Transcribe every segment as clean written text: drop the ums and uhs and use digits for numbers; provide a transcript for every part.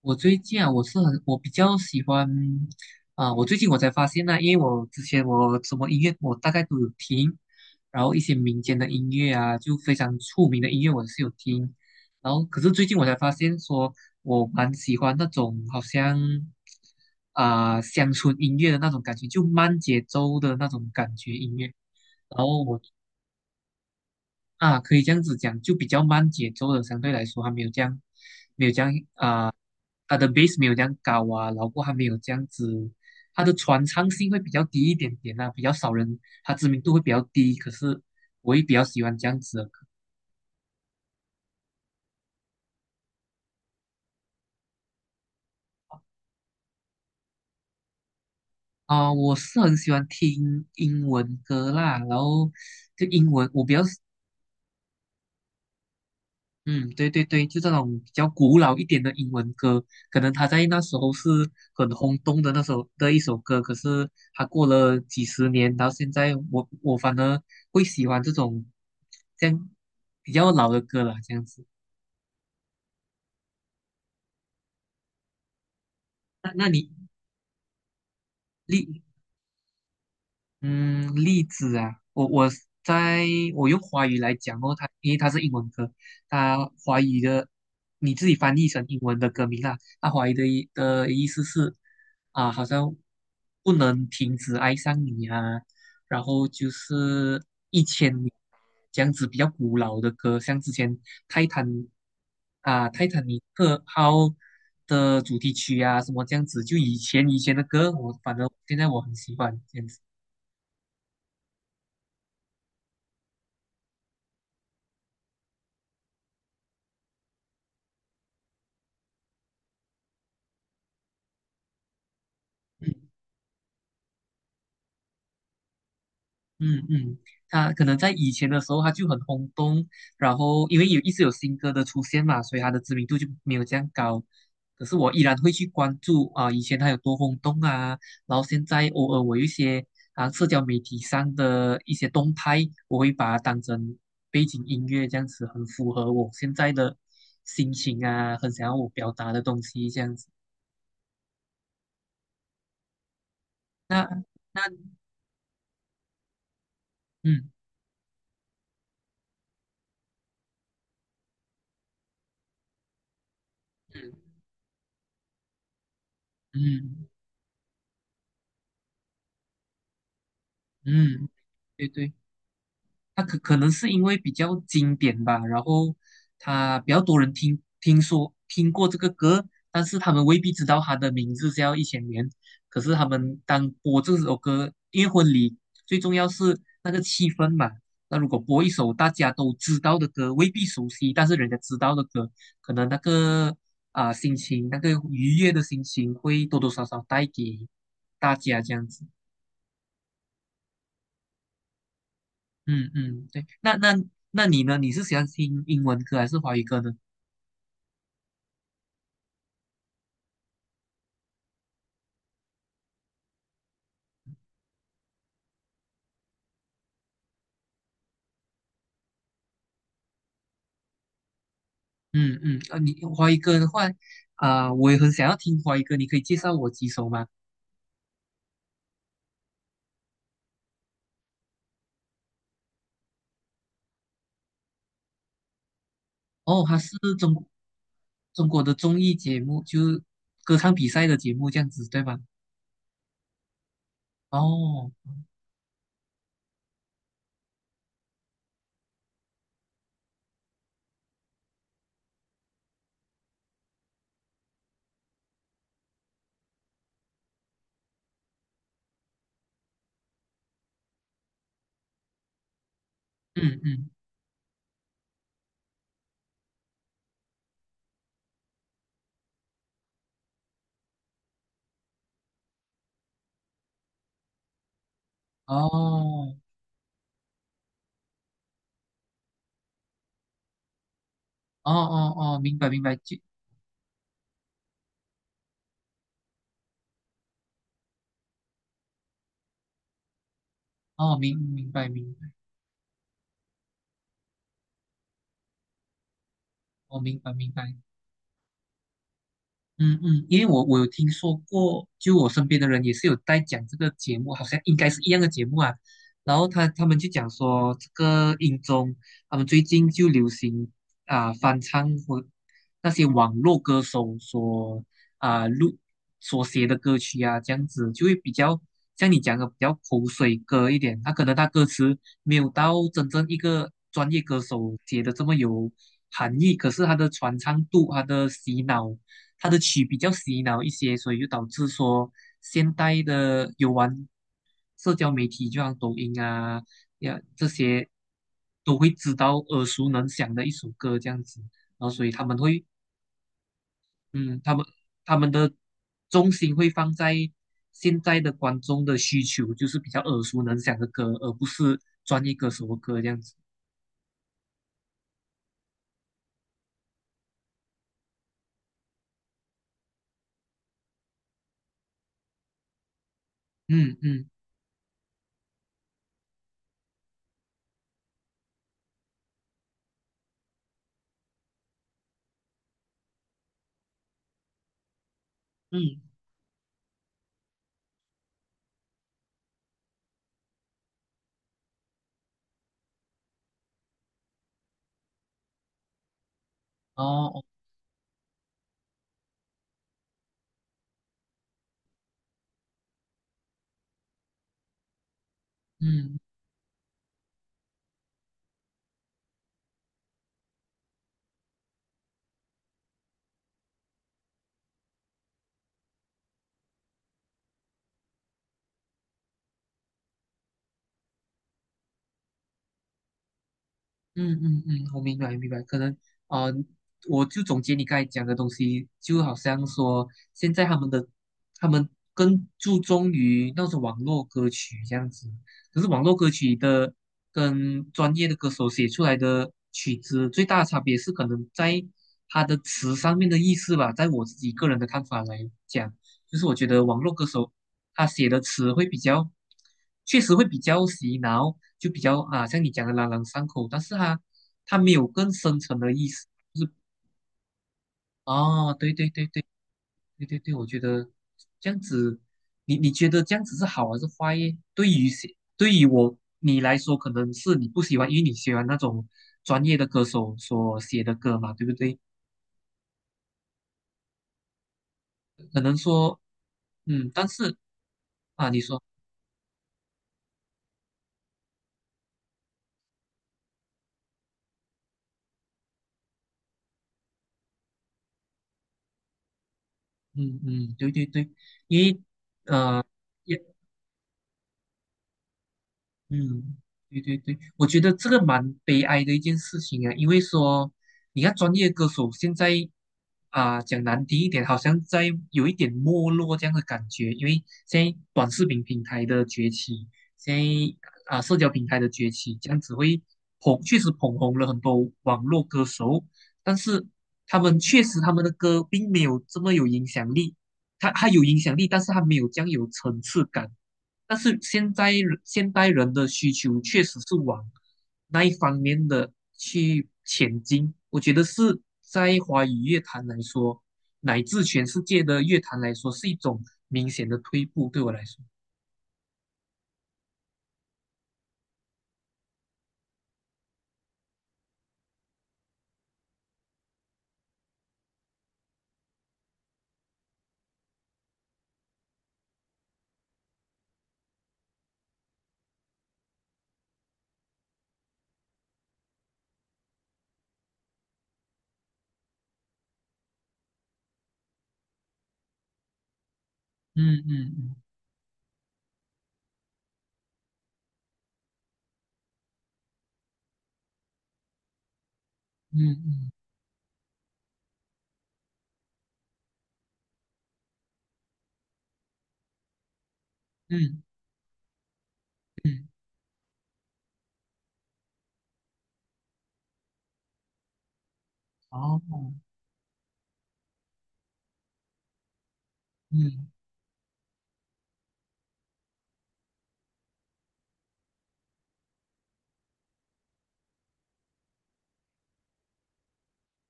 我最近啊，我是很，我比较喜欢。我最近我才发现呢，因为我之前我什么音乐我大概都有听，然后一些民间的音乐啊，就非常出名的音乐我是有听，然后可是最近我才发现说，我蛮喜欢那种好像乡村音乐的那种感觉，就慢节奏的那种感觉音乐。然后我啊可以这样子讲，就比较慢节奏的，相对来说还没有这样，没有这样。它的 base 没有这样高啊，然后还没有这样子，它的传唱性会比较低一点点啊，比较少人，它知名度会比较低。可是我也比较喜欢这样子的歌。我是很喜欢听英文歌啦，然后就英文，我比较嗯，对对对，就这种比较古老一点的英文歌，可能他在那时候是很轰动的那首的一首歌，可是他过了几十年，到现在我反而会喜欢这种这样比较老的歌了，这样子。那那你你嗯，例子啊，在我用华语来讲哦，它因为它是英文歌，它华语的你自己翻译成英文的歌名啦，它华语的意思是啊，好像不能停止爱上你啊，然后就是一千年，这样子比较古老的歌，像之前泰坦泰坦尼克号的主题曲啊什么这样子，就以前的歌，我反正现在我很喜欢这样子。嗯嗯，他可能在以前的时候他就很轰动，然后因为有一直有新歌的出现嘛，所以他的知名度就没有这样高。可是我依然会去关注啊，以前他有多轰动啊，然后现在偶尔我有一些社交媒体上的一些动态，我会把它当成背景音乐这样子，很符合我现在的心情啊，很想要我表达的东西这样子。那那嗯嗯嗯嗯，对对。他可能是因为比较经典吧，然后他比较多人听过这个歌，但是他们未必知道他的名字叫《一千年》。可是他们当播这首歌，因为婚礼最重要是那个气氛嘛。那如果播一首大家都知道的歌，未必熟悉，但是人家知道的歌，可能那个心情，那个愉悦的心情会多多少少带给大家这样子。嗯嗯，对，那你呢？你是喜欢听英文歌还是华语歌呢？嗯嗯，啊，你华语歌的话，我也很想要听华语歌，你可以介绍我几首吗？哦，它是中国的综艺节目，就是歌唱比赛的节目这样子，对吗？哦，嗯嗯，哦哦哦哦，明白明白，就哦明白明白，哦明白明白。嗯嗯，因为我有听说过，就我身边的人也是有在讲这个节目，好像应该是一样的节目啊。然后他们就讲说，这个音综他们最近就流行翻唱或那些网络歌手所啊、录所写的歌曲啊，这样子就会比较像你讲的比较口水歌一点。他可能他歌词没有到真正一个专业歌手写的这么有含义，可是他的传唱度、他的洗脑。它的曲比较洗脑一些，所以就导致说现代的有玩社交媒体，就像抖音啊呀这些，都会知道耳熟能详的一首歌这样子，然后所以他们会，嗯，他们的重心会放在现在的观众的需求，就是比较耳熟能详的歌，而不是专业歌手的歌这样子。嗯嗯嗯，哦，哦嗯。嗯嗯嗯，我明白明白，可能呃，我就总结你刚才讲的东西，就好像说现在他们更注重于那种网络歌曲这样子，可是网络歌曲的跟专业的歌手写出来的曲子最大的差别是可能在他的词上面的意思吧，在我自己个人的看法来讲，就是我觉得网络歌手他写的词会比较，确实会比较洗脑，就比较啊，像你讲的朗朗上口，但是他没有更深层的意思。哦，对对对对对对对，我觉得这样子，你觉得这样子是好还是坏耶？对于谁，对于我你来说，可能是你不喜欢，因为你喜欢那种专业的歌手所写的歌嘛，对不对？可能说，嗯，但是啊，你说，嗯嗯，对对对，因为。嗯，对对对，我觉得这个蛮悲哀的一件事情啊，因为说你看专业歌手现在讲难听一点，好像在有一点没落这样的感觉，因为现在短视频平台的崛起，现在社交平台的崛起，这样子会确实捧红了很多网络歌手，但是他们确实他们的歌并没有这么有影响力，他有影响力，但是他没有这样有层次感。但是现在现代人的需求确实是往那一方面的去前进。我觉得是在华语乐坛来说，乃至全世界的乐坛来说，是一种明显的退步。对我来说，嗯嗯嗯嗯嗯嗯嗯，哦，嗯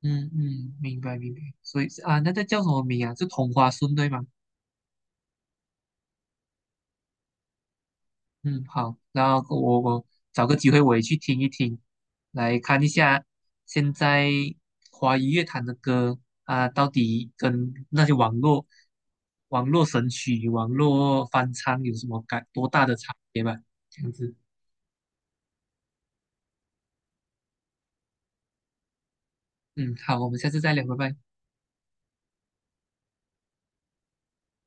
嗯嗯，明白明白。所以啊，那个叫什么名啊？是同花顺对吗？嗯，好，然后我找个机会我也去听一听，来看一下现在华语乐坛的歌啊，到底跟那些网络神曲、网络翻唱有什么多大的差别吧？这样子，嗯，好，我们下次再聊，拜拜。